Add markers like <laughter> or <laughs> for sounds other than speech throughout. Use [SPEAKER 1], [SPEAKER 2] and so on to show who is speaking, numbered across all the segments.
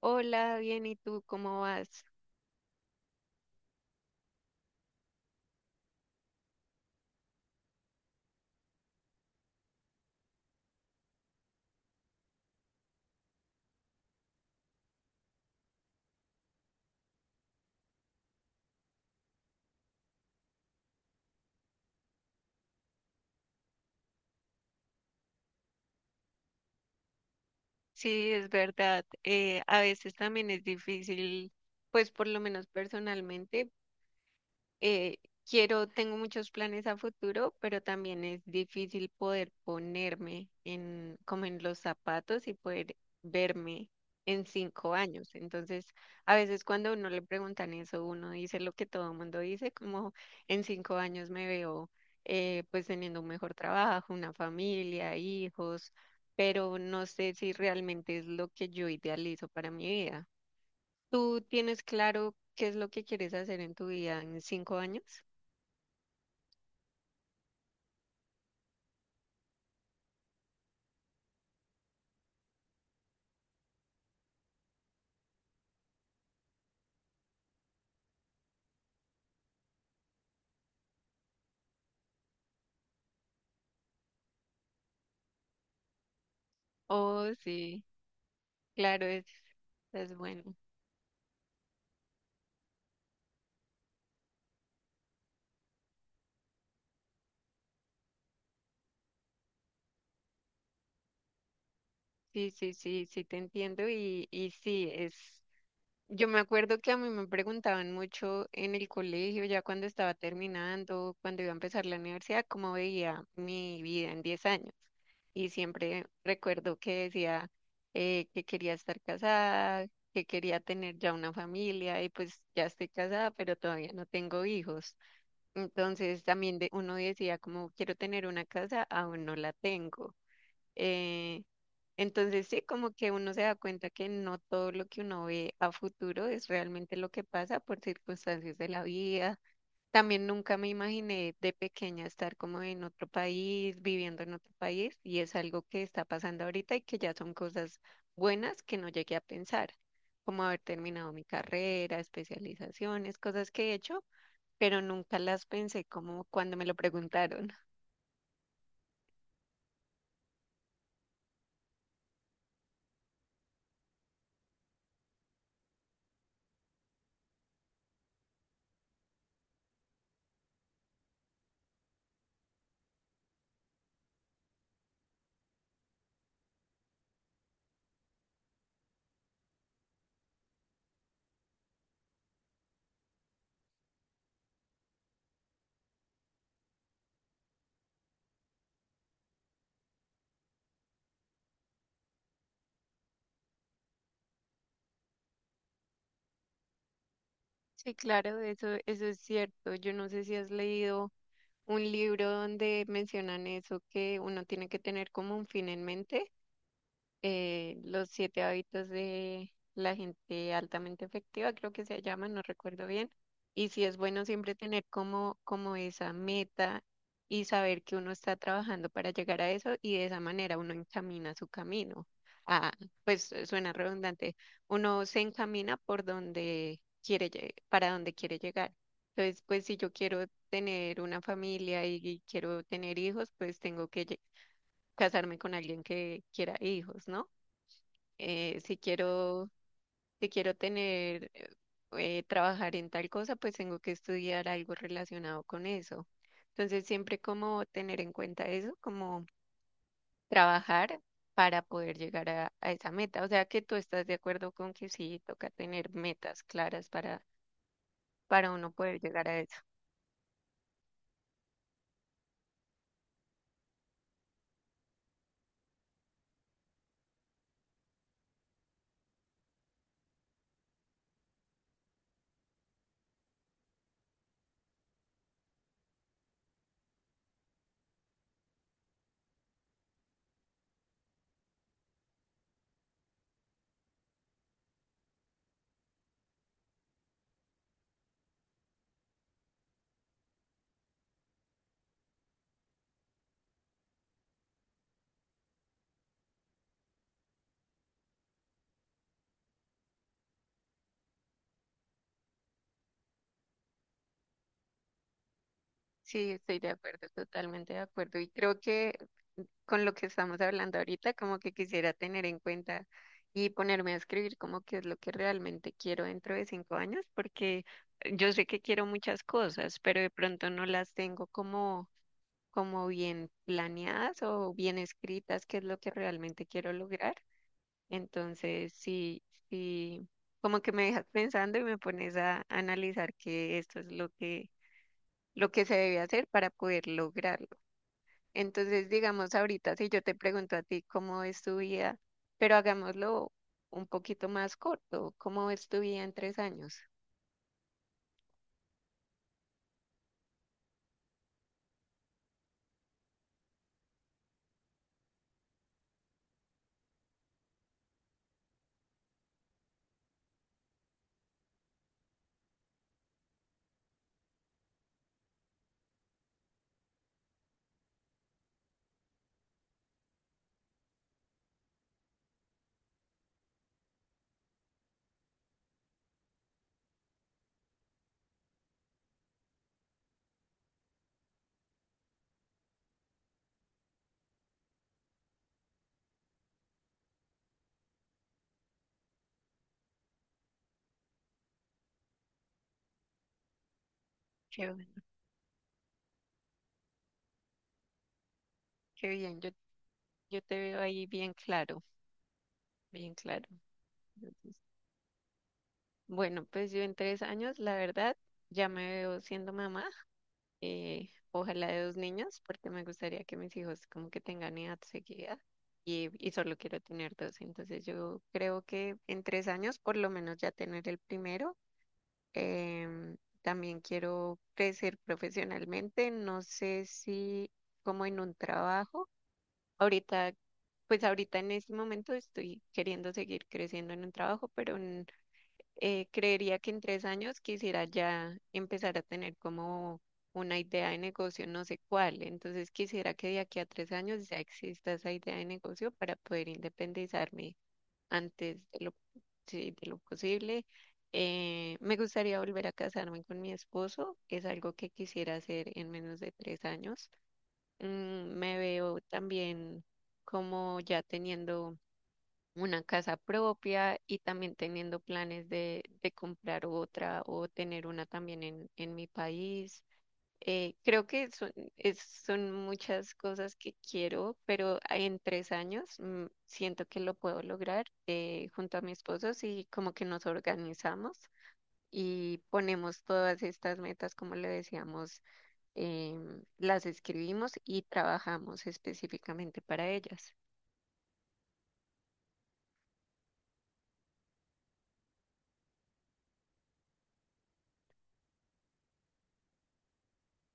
[SPEAKER 1] Hola, bien, ¿y tú cómo vas? Sí, es verdad. A veces también es difícil, pues por lo menos personalmente. eh, Quiero, tengo muchos planes a futuro, pero también es difícil poder ponerme como en los zapatos y poder verme en 5 años. Entonces, a veces cuando a uno le preguntan eso, uno dice lo que todo el mundo dice, como en 5 años me veo pues teniendo un mejor trabajo, una familia, hijos, pero no sé si realmente es lo que yo idealizo para mi vida. ¿Tú tienes claro qué es lo que quieres hacer en tu vida en 5 años? Oh, sí, claro, es bueno. Sí, sí, sí, sí, te entiendo y sí, es... Yo me acuerdo que a mí me preguntaban mucho en el colegio, ya cuando estaba terminando, cuando iba a empezar la universidad, cómo veía mi vida en 10 años. Y siempre recuerdo que decía que quería estar casada, que quería tener ya una familia y pues ya estoy casada, pero todavía no tengo hijos. Entonces también uno decía como quiero tener una casa, aún no la tengo. Eh, entonces sí, como que uno se da cuenta que no todo lo que uno ve a futuro es realmente lo que pasa por circunstancias de la vida. También nunca me imaginé de pequeña estar como en otro país, viviendo en otro país, y es algo que está pasando ahorita y que ya son cosas buenas que no llegué a pensar, como haber terminado mi carrera, especializaciones, cosas que he hecho pero nunca las pensé como cuando me lo preguntaron. <laughs> Sí, claro, eso es cierto. Yo no sé si has leído un libro donde mencionan eso, que uno tiene que tener como un fin en mente. Los siete hábitos de la gente altamente efectiva, creo que se llama, no recuerdo bien. Y sí es bueno siempre tener como esa meta y saber que uno está trabajando para llegar a eso y de esa manera uno encamina su camino. Ah, pues suena redundante. Uno se encamina por donde quiere, para donde quiere llegar. Entonces, pues si yo quiero tener una familia y quiero tener hijos, pues tengo que casarme con alguien que quiera hijos, ¿no? eh, si quiero, si quiero tener, trabajar en tal cosa, pues tengo que estudiar algo relacionado con eso. Entonces, siempre como tener en cuenta eso, como trabajar para poder llegar a esa meta. O sea, que tú estás de acuerdo con que sí, toca tener metas claras para uno poder llegar a eso. Sí, estoy de acuerdo, totalmente de acuerdo. Y creo que con lo que estamos hablando ahorita, como que quisiera tener en cuenta y ponerme a escribir como qué es lo que realmente quiero dentro de 5 años, porque yo sé que quiero muchas cosas, pero de pronto no las tengo como bien planeadas o bien escritas, qué es lo que realmente quiero lograr. Entonces, sí, sí, como que me dejas pensando y me pones a analizar que esto es lo que se debe hacer para poder lograrlo. Entonces, digamos, ahorita si yo te pregunto a ti cómo es tu vida, pero hagámoslo un poquito más corto, ¿cómo es tu vida en 3 años? Qué, qué bien, yo te veo ahí bien claro, bien claro. Entonces, bueno, pues yo en 3 años, la verdad, ya me veo siendo mamá, ojalá de 2 niños, porque me gustaría que mis hijos como que tengan edad seguida. Y solo quiero tener dos, entonces yo creo que en 3 años por lo menos ya tener el primero. em, También quiero crecer profesionalmente, no sé si como en un trabajo. Ahorita, pues ahorita en este momento estoy queriendo seguir creciendo en un trabajo, pero creería que en 3 años quisiera ya empezar a tener como una idea de negocio, no sé cuál. Entonces quisiera que de aquí a 3 años ya exista esa idea de negocio para poder independizarme antes de lo, sí, de lo posible. Me gustaría volver a casarme con mi esposo, es algo que quisiera hacer en menos de 3 años. Me veo también como ya teniendo una casa propia y también teniendo planes de comprar otra o tener una también en mi país. Creo que son, es- Son muchas cosas que quiero, pero en 3 años, siento que lo puedo lograr junto a mi esposo y como que nos organizamos y ponemos todas estas metas, como le decíamos, las escribimos y trabajamos específicamente para ellas.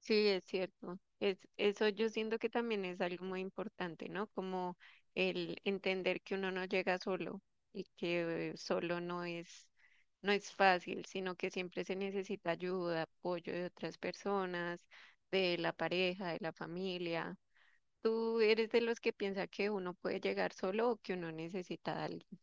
[SPEAKER 1] Sí, es cierto. Eso yo siento que también es algo muy importante, ¿no? Como el entender que uno no llega solo y que solo no es fácil, sino que siempre se necesita ayuda, apoyo de otras personas, de la pareja, de la familia. ¿Tú eres de los que piensa que uno puede llegar solo o que uno necesita a alguien?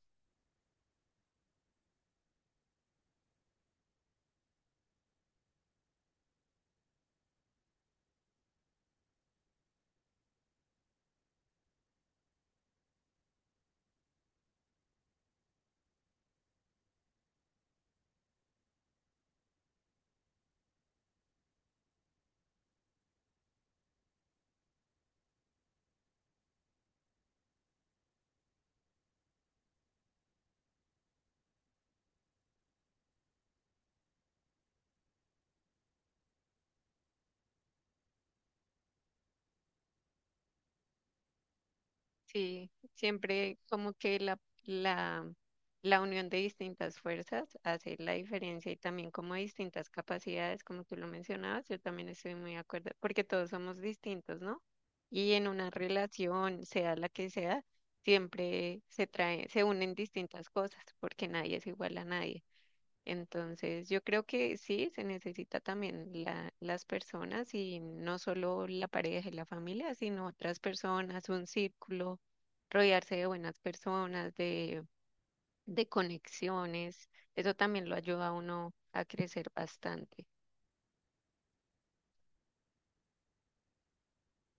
[SPEAKER 1] Sí, siempre como que la, la unión de distintas fuerzas hace la diferencia y también como distintas capacidades, como tú lo mencionabas, yo también estoy muy de acuerdo, porque todos somos distintos, ¿no? Y en una relación, sea la que sea, siempre se trae, se unen distintas cosas, porque nadie es igual a nadie. Entonces, yo creo que sí, se necesita también las personas y no solo la pareja y la familia, sino otras personas, un círculo, rodearse de buenas personas, de conexiones. Eso también lo ayuda a uno a crecer bastante,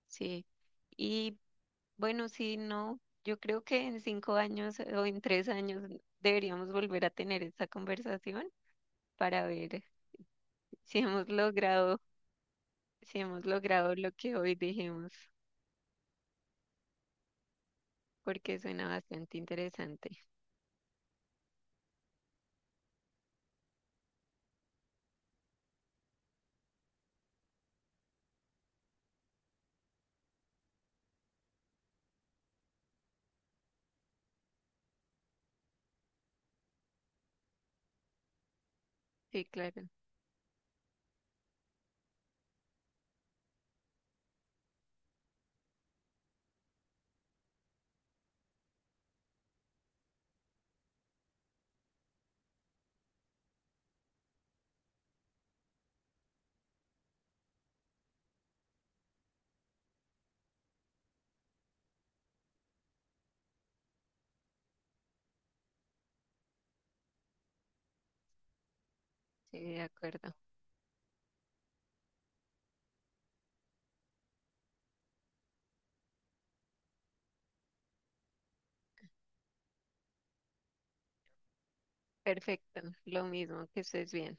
[SPEAKER 1] sí. Y bueno, sí, no, yo creo que en 5 años, o en 3 años, deberíamos volver a tener esta conversación para ver si hemos logrado, si hemos logrado lo que hoy dijimos. Porque suena bastante interesante. Sí, claro, sí, de acuerdo. Perfecto, lo mismo, que estés bien.